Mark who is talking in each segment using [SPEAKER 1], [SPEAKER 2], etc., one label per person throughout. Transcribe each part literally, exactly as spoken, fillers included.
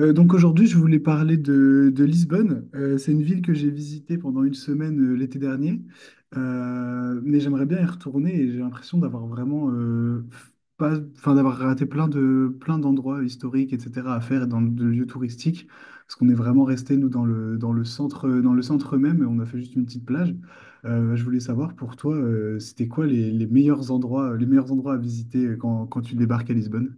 [SPEAKER 1] Euh, donc aujourd'hui, je voulais parler de, de Lisbonne. Euh, c'est une ville que j'ai visitée pendant une semaine euh, l'été dernier. Euh, mais j'aimerais bien y retourner et j'ai l'impression d'avoir vraiment euh, pas, enfin d'avoir raté plein de plein d'endroits historiques, et cetera à faire et dans de lieux touristiques, parce qu'on est vraiment resté nous dans le dans le centre dans le centre même et on a fait juste une petite plage. Euh, je voulais savoir pour toi, euh, c'était quoi les, les meilleurs endroits les meilleurs endroits à visiter euh, quand, quand tu débarques à Lisbonne?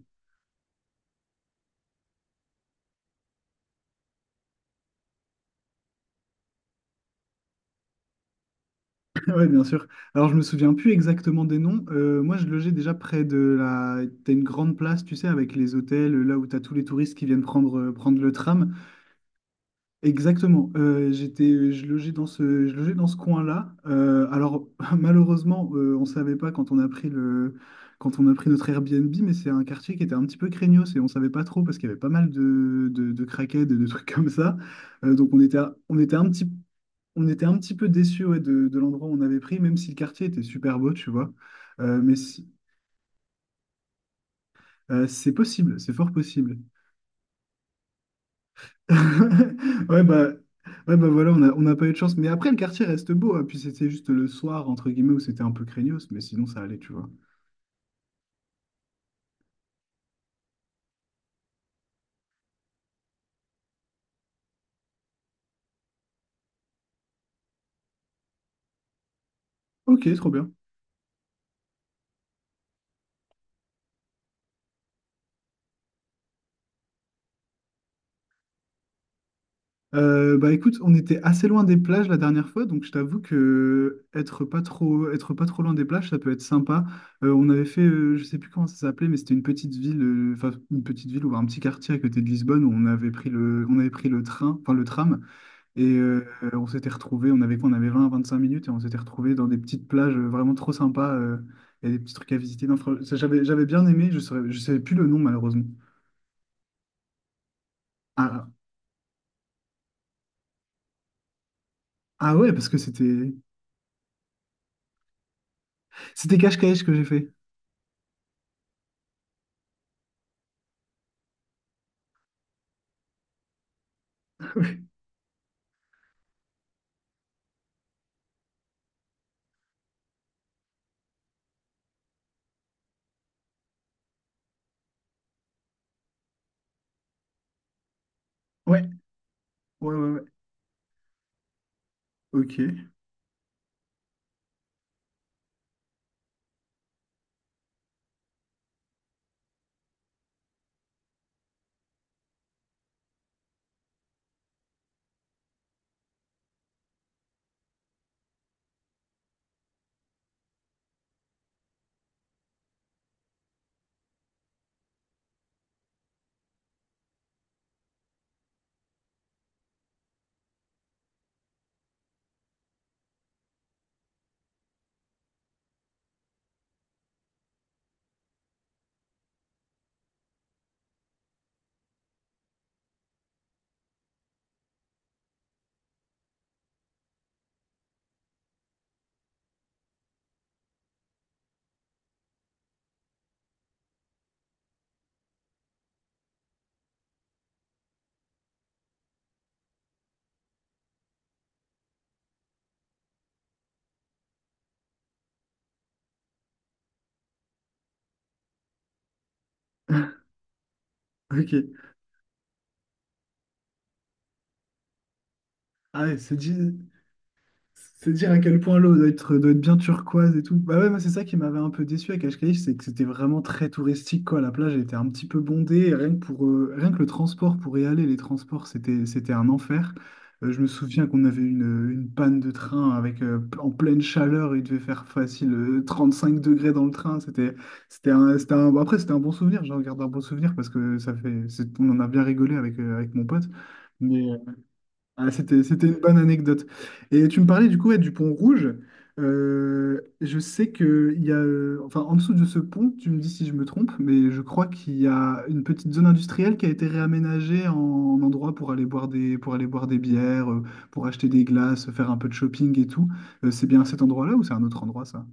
[SPEAKER 1] Oui, bien sûr. Alors, je me souviens plus exactement des noms. Euh, moi, je logeais déjà près de la… T'as une grande place, tu sais, avec les hôtels, là où t'as tous les touristes qui viennent prendre, euh, prendre le tram. Exactement. Euh, j'étais, je logeais dans ce, je logeais dans ce coin-là. Euh, alors, malheureusement, euh, on savait pas quand on a pris le... quand on a pris notre Airbnb, mais c'est un quartier qui était un petit peu craignos et on savait pas trop parce qu'il y avait pas mal de, de, de craquettes et de trucs comme ça. Euh, donc, on était, on était un petit on était un petit peu déçus, ouais, de, de l'endroit où on avait pris, même si le quartier était super beau, tu vois. Euh, mais si- euh, c'est possible, c'est fort possible. Ouais, bah, ouais, bah voilà, on a, on n'a pas eu de chance. Mais après, le quartier reste beau, hein. Puis c'était juste le soir, entre guillemets, où c'était un peu craignos, mais sinon ça allait, tu vois. Ok, trop bien. Euh, bah écoute, on était assez loin des plages la dernière fois, donc je t'avoue que être pas trop, être pas trop loin des plages, ça peut être sympa. Euh, on avait fait, euh, je sais plus comment ça s'appelait, mais c'était une petite ville, euh, enfin une petite ville ou un petit quartier à côté de Lisbonne où on avait pris le, on avait pris le train, enfin le tram, et euh, on s'était retrouvés, on avait quoi, on avait vingt à vingt-cinq minutes, et on s'était retrouvés dans des petites plages euh, vraiment trop sympas. euh, Il y a des petits trucs à visiter. Non, fr- Ça, j'avais, j'avais bien aimé, je saurais, je savais plus le nom malheureusement. Ah, ah ouais, parce que c'était, c'était cache-cache que j'ai fait. Ouais, ouais, ouais, ouais. Ok. Ok. Ah ouais, c'est dit. C'est dire à quel point l'eau doit être, doit être bien turquoise et tout. Bah ouais, moi c'est ça qui m'avait un peu déçu à Cascais, c'est que c'était vraiment très touristique, quoi. La plage était un petit peu bondée, et rien que pour, euh, rien que le transport pour y aller, les transports c'était, c'était un enfer. Euh, je me souviens qu'on avait une, une panne de train avec, euh, en pleine chaleur, il devait faire facile euh, cinq degrés dans le train. C'était, c'était un, c'était un- bon, après c'était un bon souvenir, j'en garde un bon souvenir parce que ça fait, c'est- on en a bien rigolé avec, euh, avec mon pote. Ah, c'était, c'était une bonne anecdote. Et tu me parlais, du coup, ouais, du pont rouge. Euh, je sais qu'il y a, euh, enfin, en dessous de ce pont, tu me dis si je me trompe, mais je crois qu'il y a une petite zone industrielle qui a été réaménagée en, en endroit pour aller boire des, pour aller boire des bières, euh, pour acheter des glaces, faire un peu de shopping et tout. Euh, c'est bien cet endroit-là ou c'est un autre endroit, ça?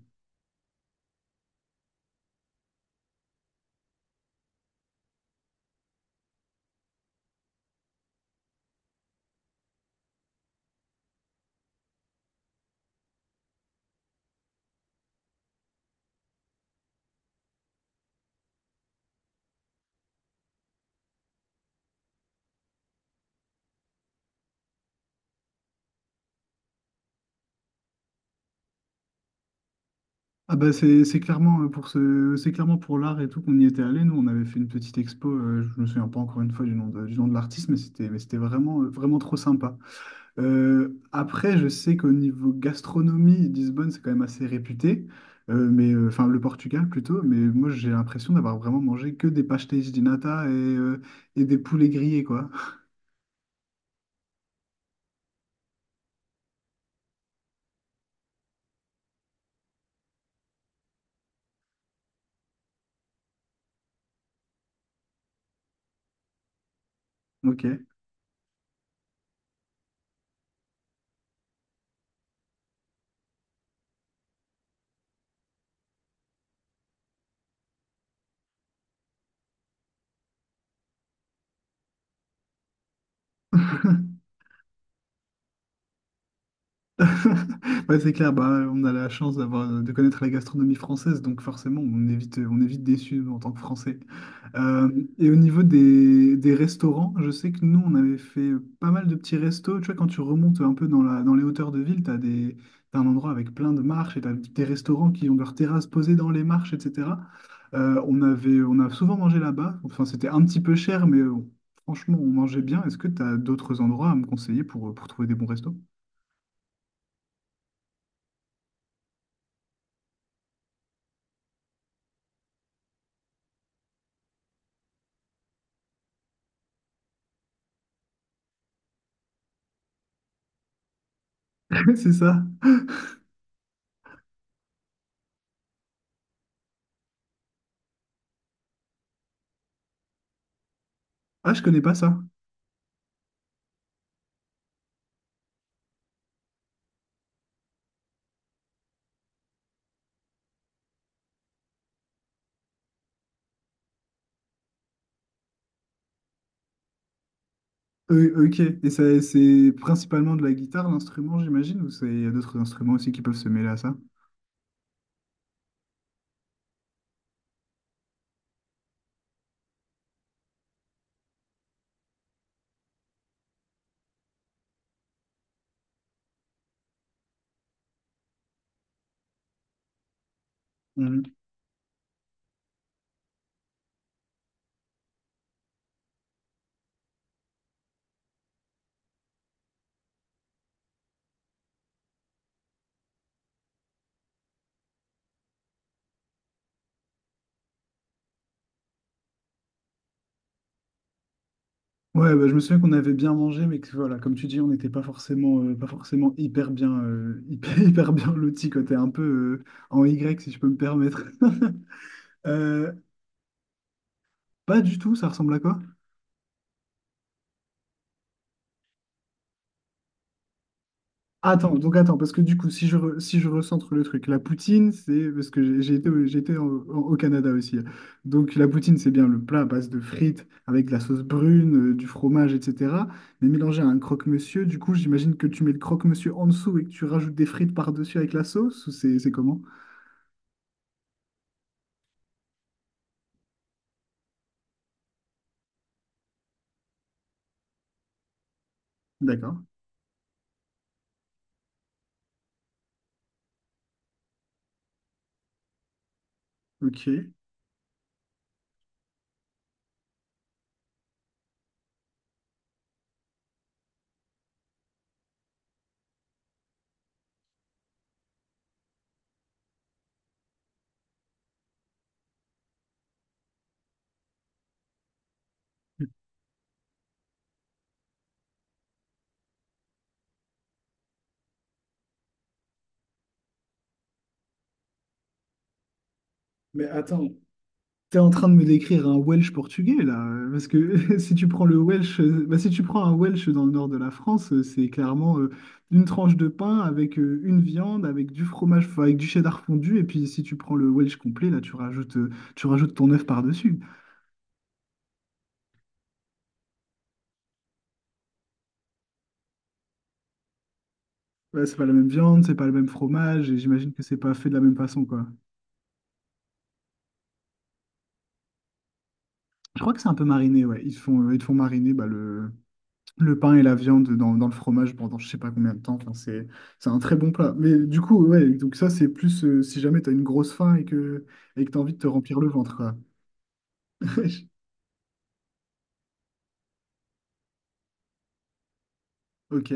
[SPEAKER 1] Ah bah, c'est c'est clairement, euh, pour ce, c'est clairement pour l'art et tout qu'on y était allé. Nous, on avait fait une petite expo. Euh, je me souviens pas, encore une fois, du nom de, du nom de l'artiste, mais c'était, mais c'était vraiment, euh, vraiment trop sympa. Euh, après, je sais qu'au niveau gastronomie, Lisbonne, c'est quand même assez réputé. Euh, mais euh, enfin, le Portugal plutôt. Mais moi, j'ai l'impression d'avoir vraiment mangé que des pastéis de nata et, euh, et des poulets grillés, quoi. Ok. Ouais, c'est clair, bah, on a la chance d'avoir, euh, de connaître la gastronomie française, donc forcément, on évite, euh, on est déçu en tant que Français. Euh, et au niveau des, des restaurants, je sais que nous, on avait fait pas mal de petits restos. Tu vois, quand tu remontes un peu dans la, dans les hauteurs de ville, tu as des, t'as un endroit avec plein de marches et tu as des restaurants qui ont leurs terrasses posées dans les marches, et cetera. Euh, on avait, on a souvent mangé là-bas. Enfin, c'était un petit peu cher, mais euh, franchement, on mangeait bien. Est-ce que tu as d'autres endroits à me conseiller pour, euh, pour trouver des bons restos? C'est ça. Ah, je connais pas ça. Euh, ok. Et ça, c'est principalement de la guitare, l'instrument, j'imagine, ou c'est- il y a d'autres instruments aussi qui peuvent se mêler à ça? Mhm. Ouais, bah, je me souviens qu'on avait bien mangé, mais que voilà, comme tu dis, on n'était pas forcément, euh, pas forcément hyper bien, euh, hyper, hyper bien lotis, quoi. T'es un peu, euh, en Y, si je peux me permettre. Euh, Pas du tout, ça ressemble à quoi? Attends, donc attends, parce que du coup, si je, re- si je recentre le truc, la poutine, c'est parce que j'ai j'ai été, au- j'ai été en- en- au Canada aussi, hein. Donc la poutine, c'est bien le plat à base de frites avec de la sauce brune, euh, du fromage, et cetera. Mais mélangé à un croque-monsieur, du coup, j'imagine que tu mets le croque-monsieur en dessous et que tu rajoutes des frites par-dessus avec la sauce, ou c'est c'est comment? D'accord. Ok. Mais attends. T'es en train de me décrire un Welsh portugais là, euh, parce que si tu prends le Welsh, euh, bah, si tu prends un Welsh dans le nord de la France, euh, c'est clairement, euh, une tranche de pain avec, euh, une viande, avec du fromage, enfin, avec du cheddar fondu, et puis si tu prends le Welsh complet, là tu rajoutes, euh, tu rajoutes ton œuf par-dessus. Ouais, c'est pas la même viande, c'est pas le même fromage, et j'imagine que c'est pas fait de la même façon, quoi. Je crois que c'est un peu mariné, ouais. Ils te font, euh, ils te font mariner, bah, le, le pain et la viande dans, dans le fromage pendant je sais pas combien de temps. Enfin, c'est, c'est un très bon plat. Mais du coup, ouais, donc ça, c'est plus, euh, si jamais tu as une grosse faim et que et que tu as envie de te remplir le ventre, quoi. Ok.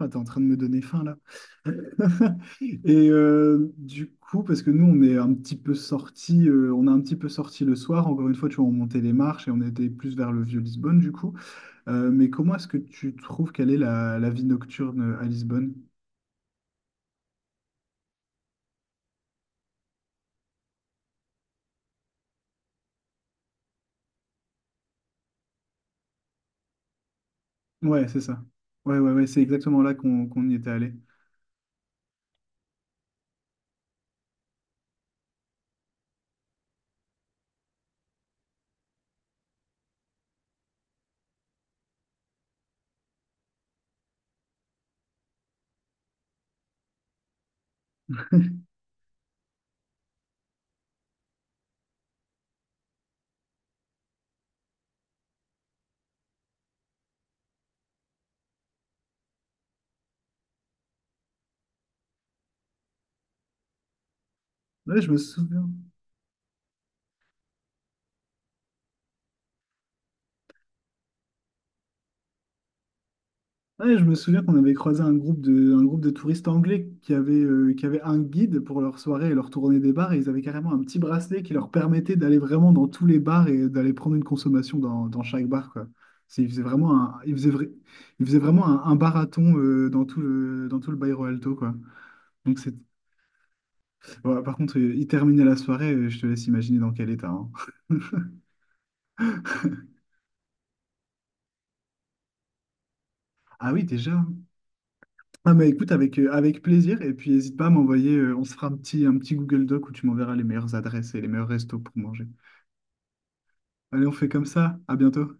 [SPEAKER 1] Ah, t'es en train de me donner faim là. Et euh, du coup, parce que nous, on est un petit peu sortis, euh, on a un petit peu sorti le soir. Encore une fois, tu vois, on montait les marches et on était plus vers le vieux Lisbonne, du coup. Euh, mais comment est-ce que tu trouves qu'elle est la, la vie nocturne à Lisbonne? Ouais, c'est ça. Ouais, ouais, ouais, c'est exactement là qu'on qu'on y était allé. Ouais, je me souviens. Ouais, je me souviens qu'on avait croisé un groupe de, un groupe de touristes anglais qui avait, euh, qui avait un guide pour leur soirée et leur tournée des bars, et ils avaient carrément un petit bracelet qui leur permettait d'aller vraiment dans tous les bars et d'aller prendre une consommation dans, dans chaque bar, quoi. C'est- Ils faisaient vraiment un, ils faisaient vra- Ils faisaient vraiment un, un barathon, euh, dans tout le, dans tout le Bairro Alto, quoi. Donc c'est, ouais, par contre, euh, ils terminaient la soirée, euh, je te laisse imaginer dans quel état, hein. Ah oui, déjà, hein. Ah mais écoute, avec, euh, avec plaisir, et puis n'hésite pas à m'envoyer, euh, on se fera un petit, un petit Google Doc où tu m'enverras les meilleures adresses et les meilleurs restos pour manger. Allez, on fait comme ça, à bientôt.